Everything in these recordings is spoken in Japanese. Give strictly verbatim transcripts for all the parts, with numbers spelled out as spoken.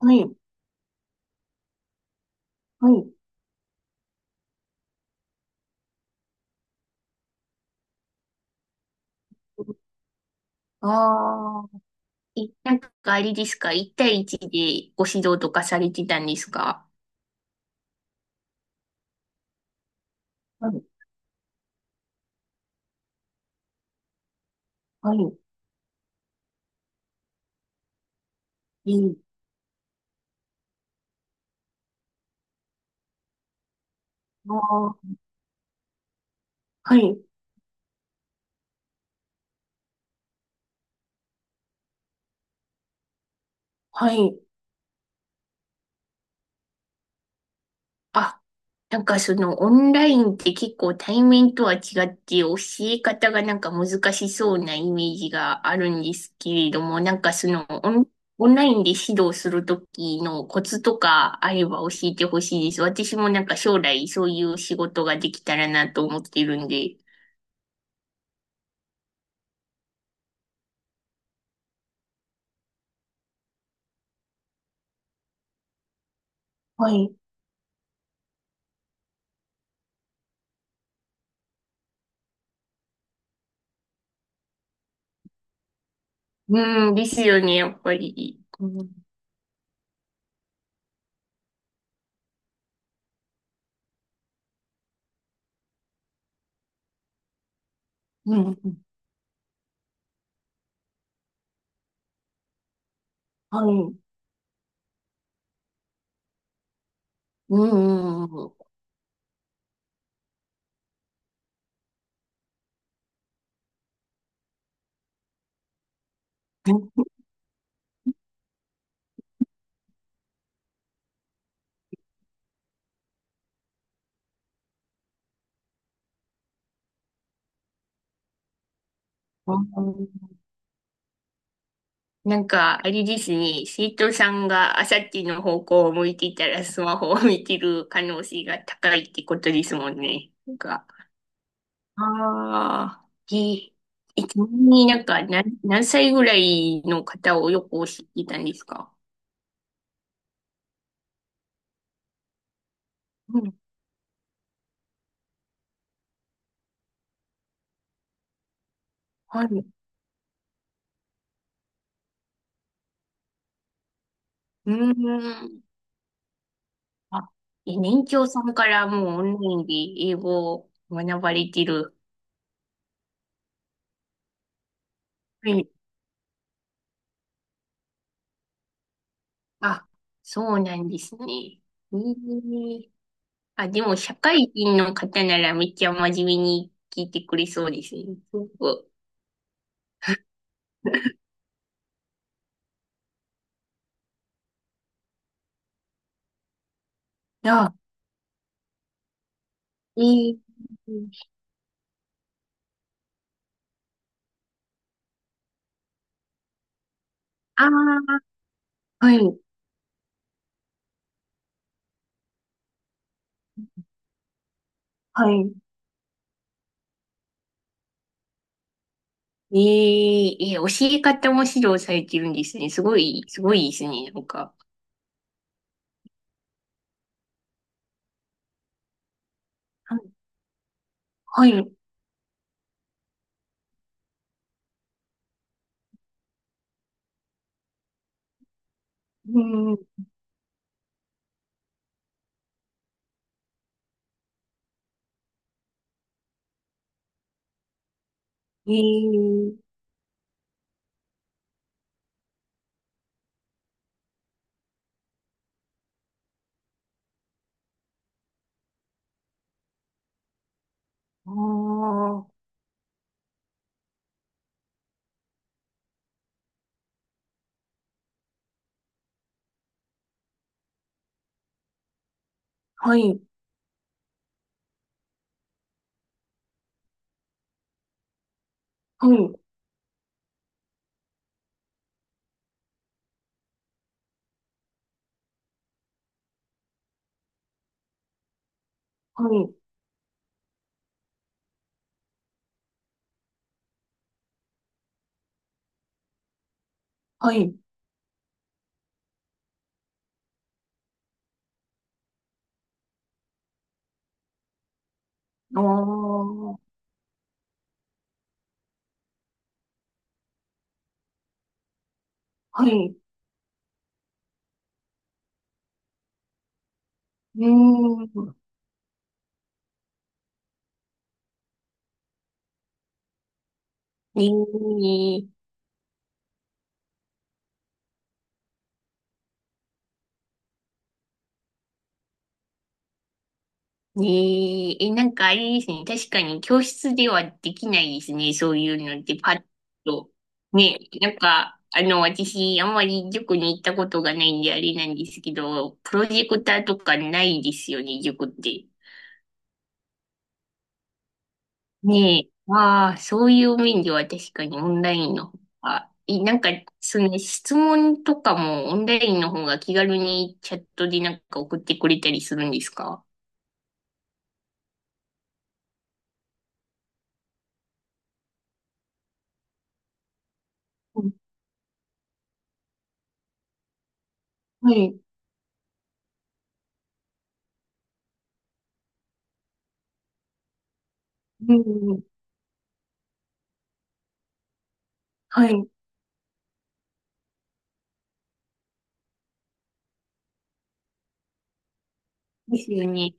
はい、はい。ああ、え、なんかあれですか ?いち 対いちでご指導とかされてたんですか？はい、はい、いいなあ。はい、はい。あ、なんかそのオンラインって結構対面とは違って教え方がなんか難しそうなイメージがあるんですけれども、なんかそのオン、オンラインで指導するときのコツとかあれば教えてほしいです。私もなんか将来そういう仕事ができたらなと思ってるんで。はい。うん、ですよね、やっぱり。うん、うん、はい。うん、うん、うん。なんか、あれですね、生徒さんがあさっての方向を向いていたらスマホを見てる可能性が高いってことですもんね。なんか、ああ、で、えちなみになんか何、何歳ぐらいの方をよく知っていたんですか？うん、はい。うーん。あ、え、年長さんからもうオンラインで英語を学ばれてる。はい。あ、そうなんですね。ええ、あ、でも社会人の方ならめっちゃ真面目に聞いてくれそうですね。すごく。あ、ええ、ああ、はい、はい。えええ、教え方も指導されてるんですね。すごい、すごいですね。なんか。はい。はい、うん、ええ、ああ、はい、はい。はい、はい、ああ、はい、うーん、ねえ、ねえ、え、なんかあれですね、確かに教室ではできないですね、そういうのってパッと。ねえ、なんか、あの、私、あんまり塾に行ったことがないんであれなんですけど、プロジェクターとかないですよね、塾って。ねえ、ああ、そういう面では確かにオンラインの方が、い、なんか、その質問とかもオンラインの方が気軽にチャットでなんか送ってくれたりするんですか？うん、はい。うん。はい。ですよね。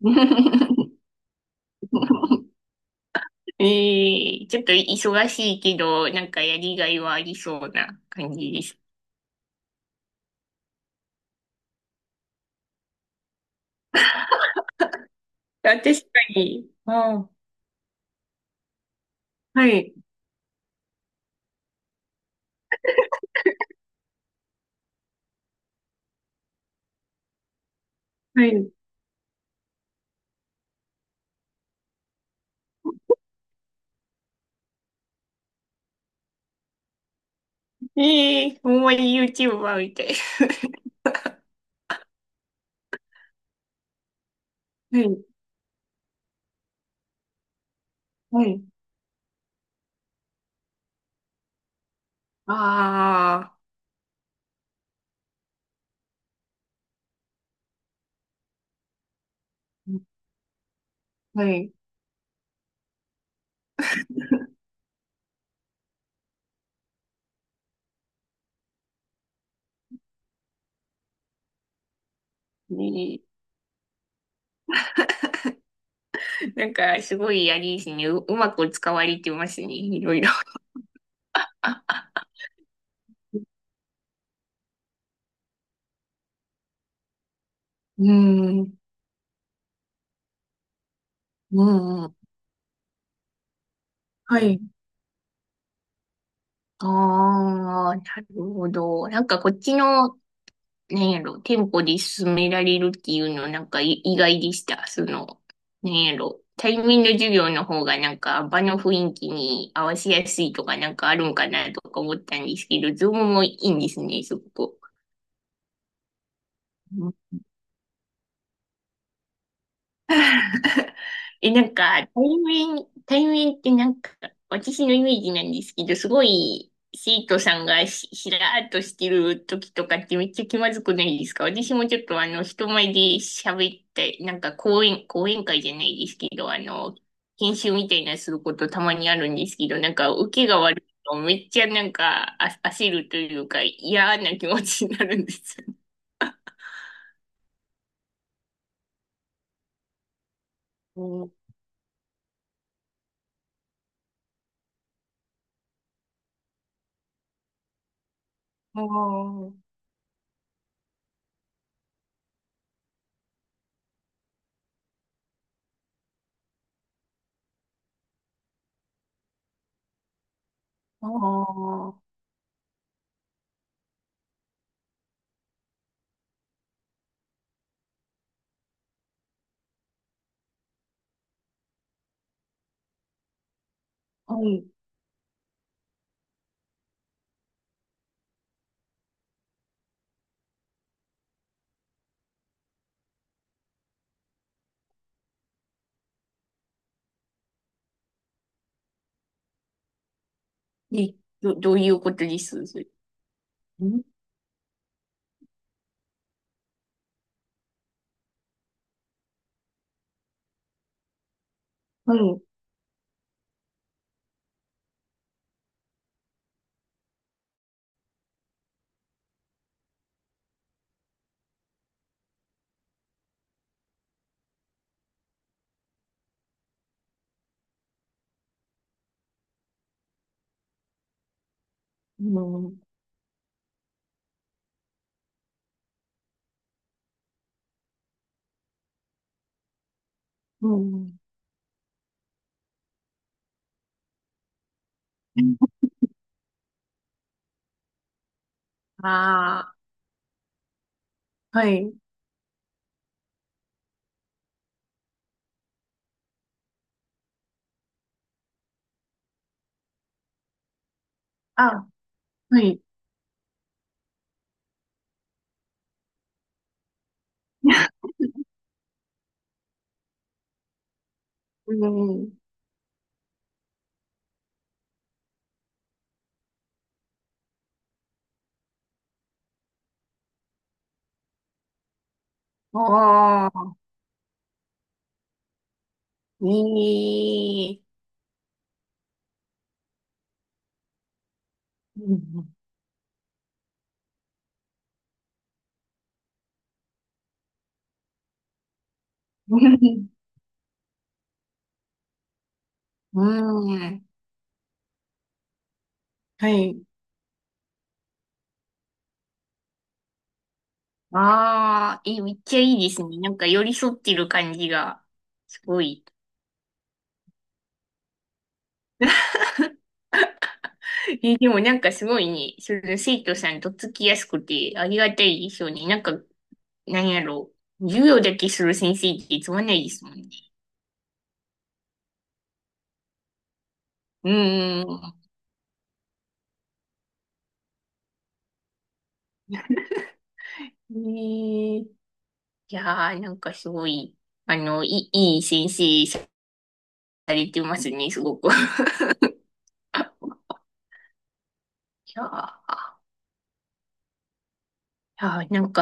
ええ、ちょっと忙しいけど、なんかやりがいはありそうな感じです。あ、確かに。ああ、はい。はい。ええ、ほんまに YouTuber みたい。はい。はい。ああ、はい。ね、なんか、すごい、やりですね。う、うまく使われてますね。いろいろ。うん、うん、うん。はい。ああ、なるほど。なんか、こっちの、なんやろ、店舗で進められるっていうの、なんか、い意外でした。その、なんやろ、対面の授業の方が、なんか、場の雰囲気に合わせやすいとか、なんかあるんかなとか思ったんですけど、ズームもいいんですね、すごく。え、なんか、対面、対面ってなんか、私のイメージなんですけど、すごい、生徒さんがし、しらーっとしてる時とかってめっちゃ気まずくないですか？私もちょっとあの、人前で喋って、なんか講演、講演会じゃないですけど、あの、研修みたいなすることたまにあるんですけど、なんか、受けが悪いとめっちゃなんか、あ、焦るというか、嫌な気持ちになるんですよ。うん、あー、あー、はい、え、ど、どういうことですそれん？はい。うん。うん。ああ、はい。あ、はい。うん。ああ、いい。うん。うん。はい。ああ、え、めっちゃいいですね。なんか寄り添ってる感じが、すごい。え、でもなんかすごいね、その生徒さんとっつきやすくてありがたいでしょうね。なんか、なんやろう。授業だけする先生ってつまんないですもんね。うーん。ねえ、いやー、なんかすごい、あの、いい、いい先生されてますね、すごく。いやー、いやー、なんか、